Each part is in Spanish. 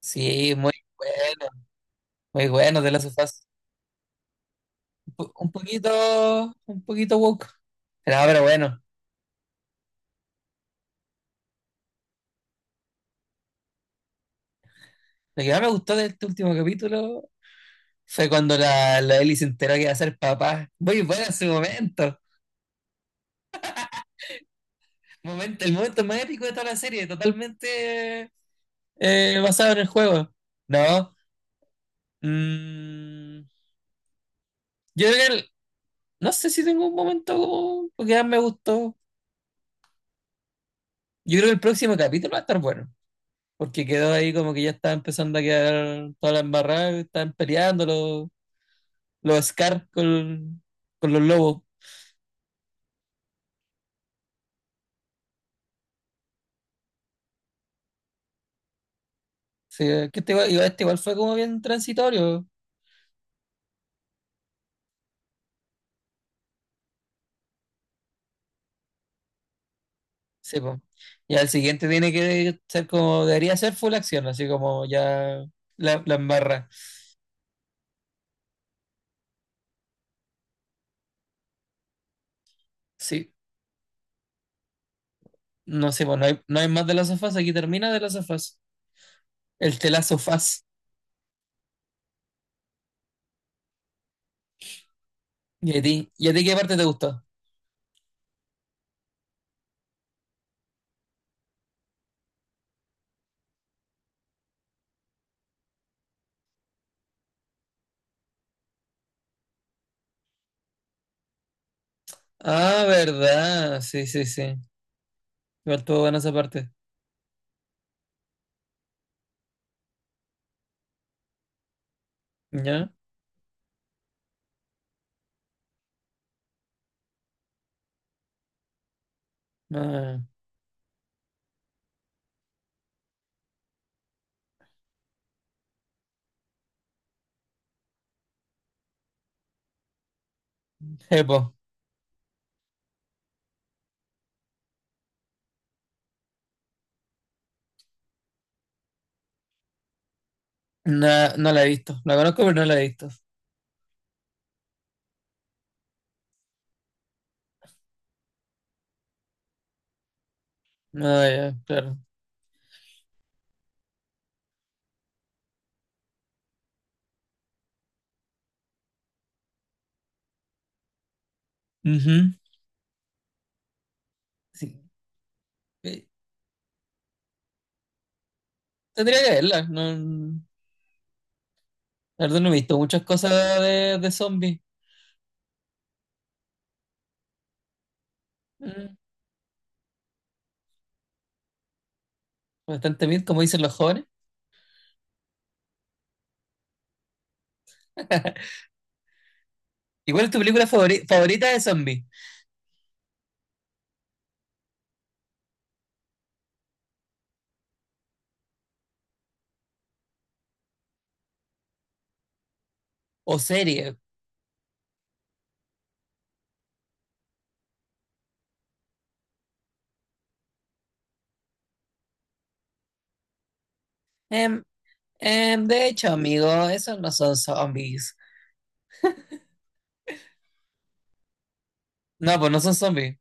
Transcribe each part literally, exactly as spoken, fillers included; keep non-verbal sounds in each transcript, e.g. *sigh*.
Sí, muy bueno, muy bueno de las sofás. Un po- un poquito, un poquito woke. Pero, pero bueno, lo que más me gustó de este último capítulo fue cuando la, la Ellie se enteró que iba a ser papá. Muy bueno ese momento. Momento, el momento más épico de toda la serie, totalmente eh, basado en el juego. No. mm, yo creo que el- no sé si tengo un momento como que más me gustó. Yo creo que el próximo capítulo va a estar bueno, porque quedó ahí como que ya estaba empezando a quedar toda la embarrada, estaban peleando los, los Scar con, con los lobos. Sí, que este, igual, igual- este igual fue como bien transitorio. Sí, po. Ya el siguiente tiene que ser como, debería ser full acción, así como ya la, la embarra. Sí, no sé, pues no hay, no hay más de las sofás, aquí termina de las sofás. El telazo faz. ¿Y a ti? ¿Y a ti qué parte te gustó? Ah, verdad, sí, sí, sí. Igual estuvo buena esa parte. ¿Ya? Ah, no, no la he visto. La conozco, pero no la he visto. No, ya, claro. Ujú. Sí. Eh, tendría que verla. No, la verdad no he visto muchas cosas de, de zombies. Mm, Bastante bien, como dicen los jóvenes. *laughs* ¿Y cuál es tu película favori- favorita de zombies? ¿O serie? Em, em, de hecho, amigo, esos no son zombies. No, pues no son zombies.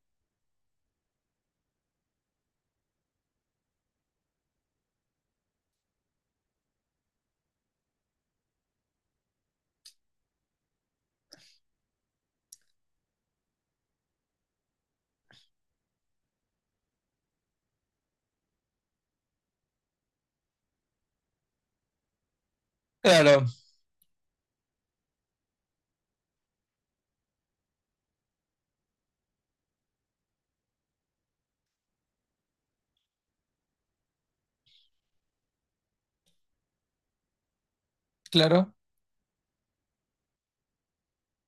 Claro, claro.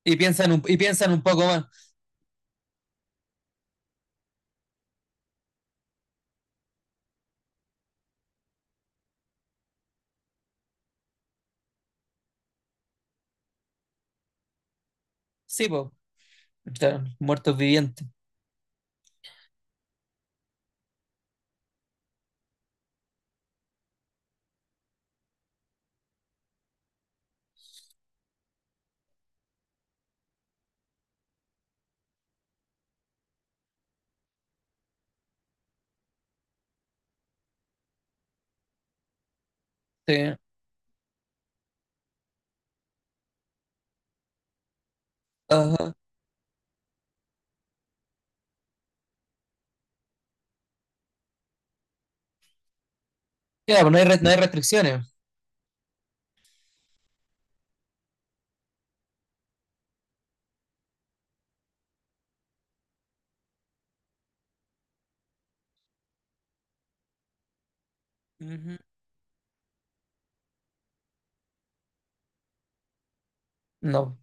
Y piensan un, y piensan un poco más. Sí, pues. Muertos vivientes. Sí. Ajá. Claro, pues no hay, re- no hay restricciones. No,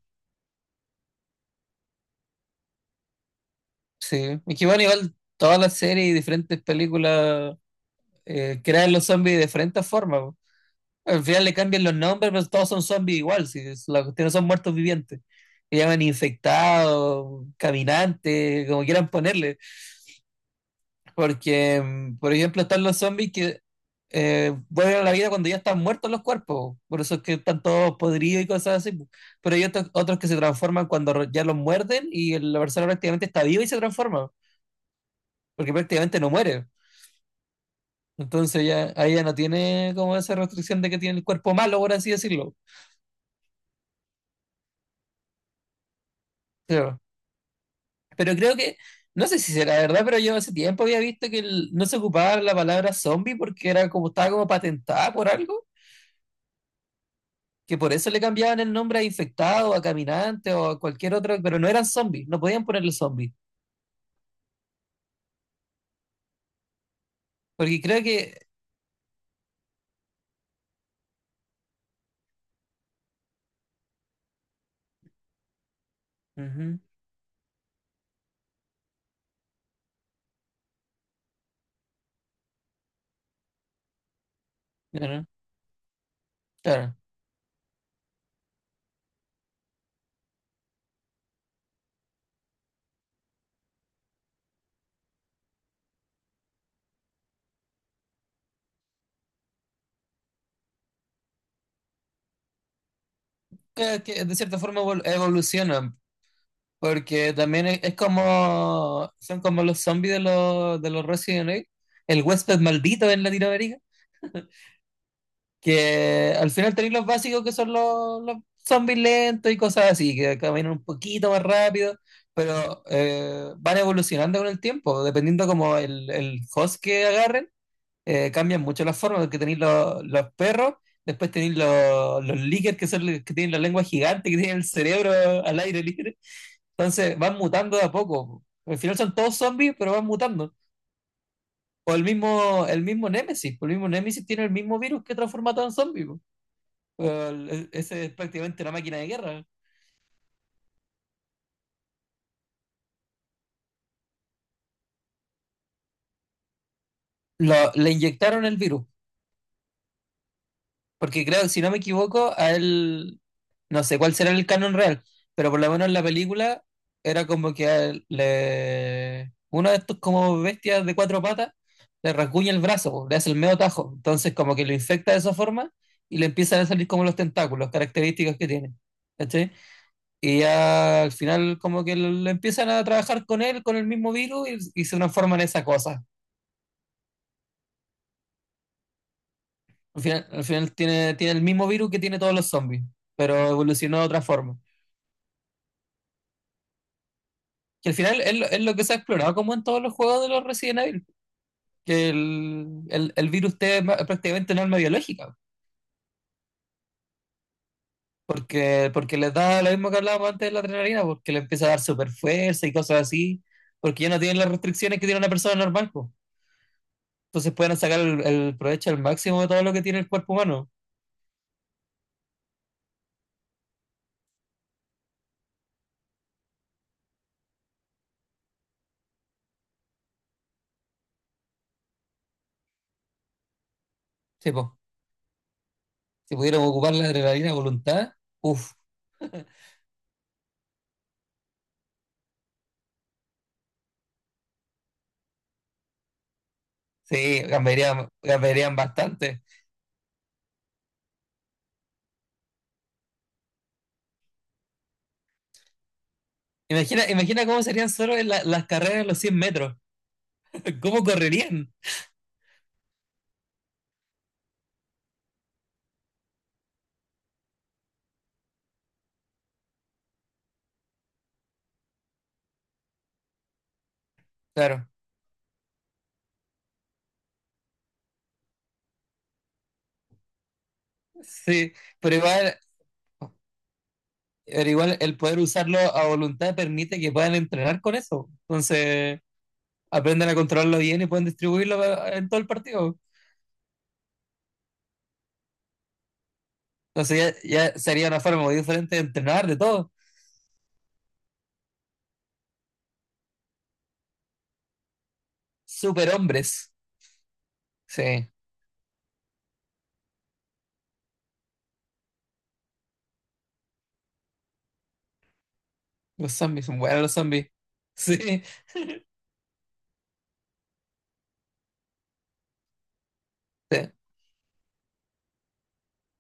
sí. Y que bueno, igual todas las series y diferentes películas eh, crean los zombies de diferentes formas, po. Al final le cambian los nombres, pero todos son zombies igual. Si es la cuestión no son muertos vivientes. Le llaman infectados, caminantes, como quieran ponerle. Porque, mm, por ejemplo, están los zombies que eh, vuelven a la vida cuando ya están muertos los cuerpos. Por eso es que están todos podridos y cosas así, po. Pero hay otros, otros que se transforman cuando ya los muerden y la persona prácticamente está viva y se transforma, porque prácticamente no muere. Entonces ya ahí ya no tiene como esa restricción de que tiene el cuerpo malo, por así decirlo. Pero, pero creo que, no sé si será verdad, pero yo hace tiempo había visto que el- no se ocupaba la palabra zombie porque era como estaba como patentada por algo, que por eso le cambiaban el nombre a infectado, a caminante o a cualquier otro, pero no eran zombies, no podían ponerle zombie, porque creo que... Ujú, claro, claro. Que- que de cierta forma evol- evolucionan. Porque también es, es como, son como los zombies de los, de los Resident Evil, el huésped maldito en Latinoamérica, que al final tenéis los básicos que son los, los zombies lentos y cosas así, que caminan un poquito más rápido, pero eh, van evolucionando con el tiempo, dependiendo como el, el host que agarren. Eh, cambian mucho las formas, porque tenéis los, los perros, después tenéis los, los líquers, que son los que tienen la lengua gigante, que tienen el cerebro al aire libre. Entonces van mutando de a poco. Al final son todos zombies, pero van mutando. O el mismo, el mismo Némesis, pues el mismo Némesis tiene el mismo virus que transforma a todo en zombie, pues. Eh, El- Ese es prácticamente una máquina de guerra. Lo- le inyectaron el virus, porque creo, si no me equivoco, a él no sé cuál será el canon real, pero por lo menos en la película era como que a él le... uno de estos como bestias de cuatro patas le rasguña el brazo, po, le hace el medio tajo, entonces como que lo infecta de esa forma y le empiezan a salir como los tentáculos, características que tiene. ¿Cachai? Y ya al final como que le empiezan a trabajar con él, con el mismo virus y, y se transforman en esa cosa. Al final, al final tiene, tiene el mismo virus que tiene todos los zombies, pero evolucionó de otra forma, que al final es lo, es lo que se ha explorado como en todos los juegos de los Resident Evil, que el, el, el virus T es ma- prácticamente un arma biológica, porque, porque les da lo mismo que hablábamos antes de la adrenalina, porque le empieza a dar super fuerza y cosas así, porque ya no tienen las restricciones que tiene una persona normal, po. Entonces pueden sacar el, el provecho al máximo de todo lo que tiene el cuerpo humano. Sí, po. Si pudieran ocupar la adrenalina a voluntad, uff, sí, cambiarían, cambiarían bastante. Imagina, imagina cómo serían solo en la- las carreras en los cien metros, *laughs* cómo correrían. Claro. Sí, pero igual, pero igual el poder usarlo a voluntad permite que puedan entrenar con eso. Entonces, aprenden a controlarlo bien y pueden distribuirlo a- en todo el partido. Entonces, ya, ya sería una forma muy diferente de entrenar de todo. Superhombres. Sí, los zombies son buenos los zombies. *laughs* Sí, sí,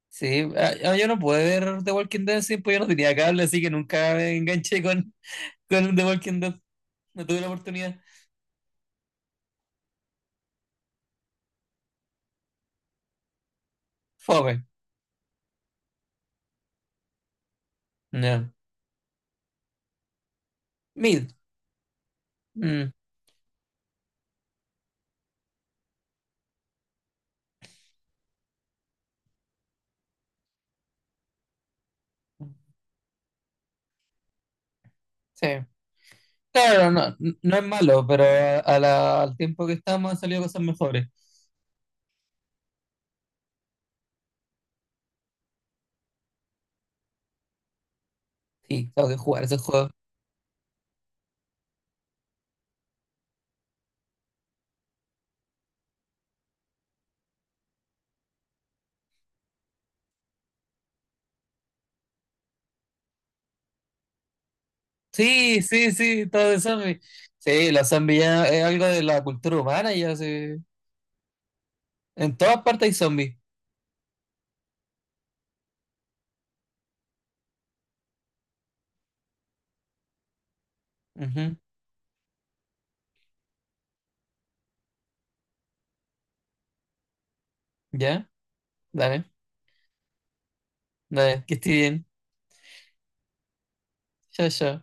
sí. Ah, ah, yo no pude ver The Walking Dead, sí, pues yo no tenía cable, así que nunca me enganché con, con The Walking Dead. No tuve la oportunidad. Fome. No. Mid. Mm. Sí. Claro, no, no es malo, pero a- a la- al tiempo que estamos han salido cosas mejores. Sí, tengo que jugar ese juego. Sí, sí, sí, todo de zombies. Sí, los zombies ya es algo de la cultura humana, ya sí. En todas partes hay zombies. Ujú, ya, dale, dale, que esté bien. Chao, chao.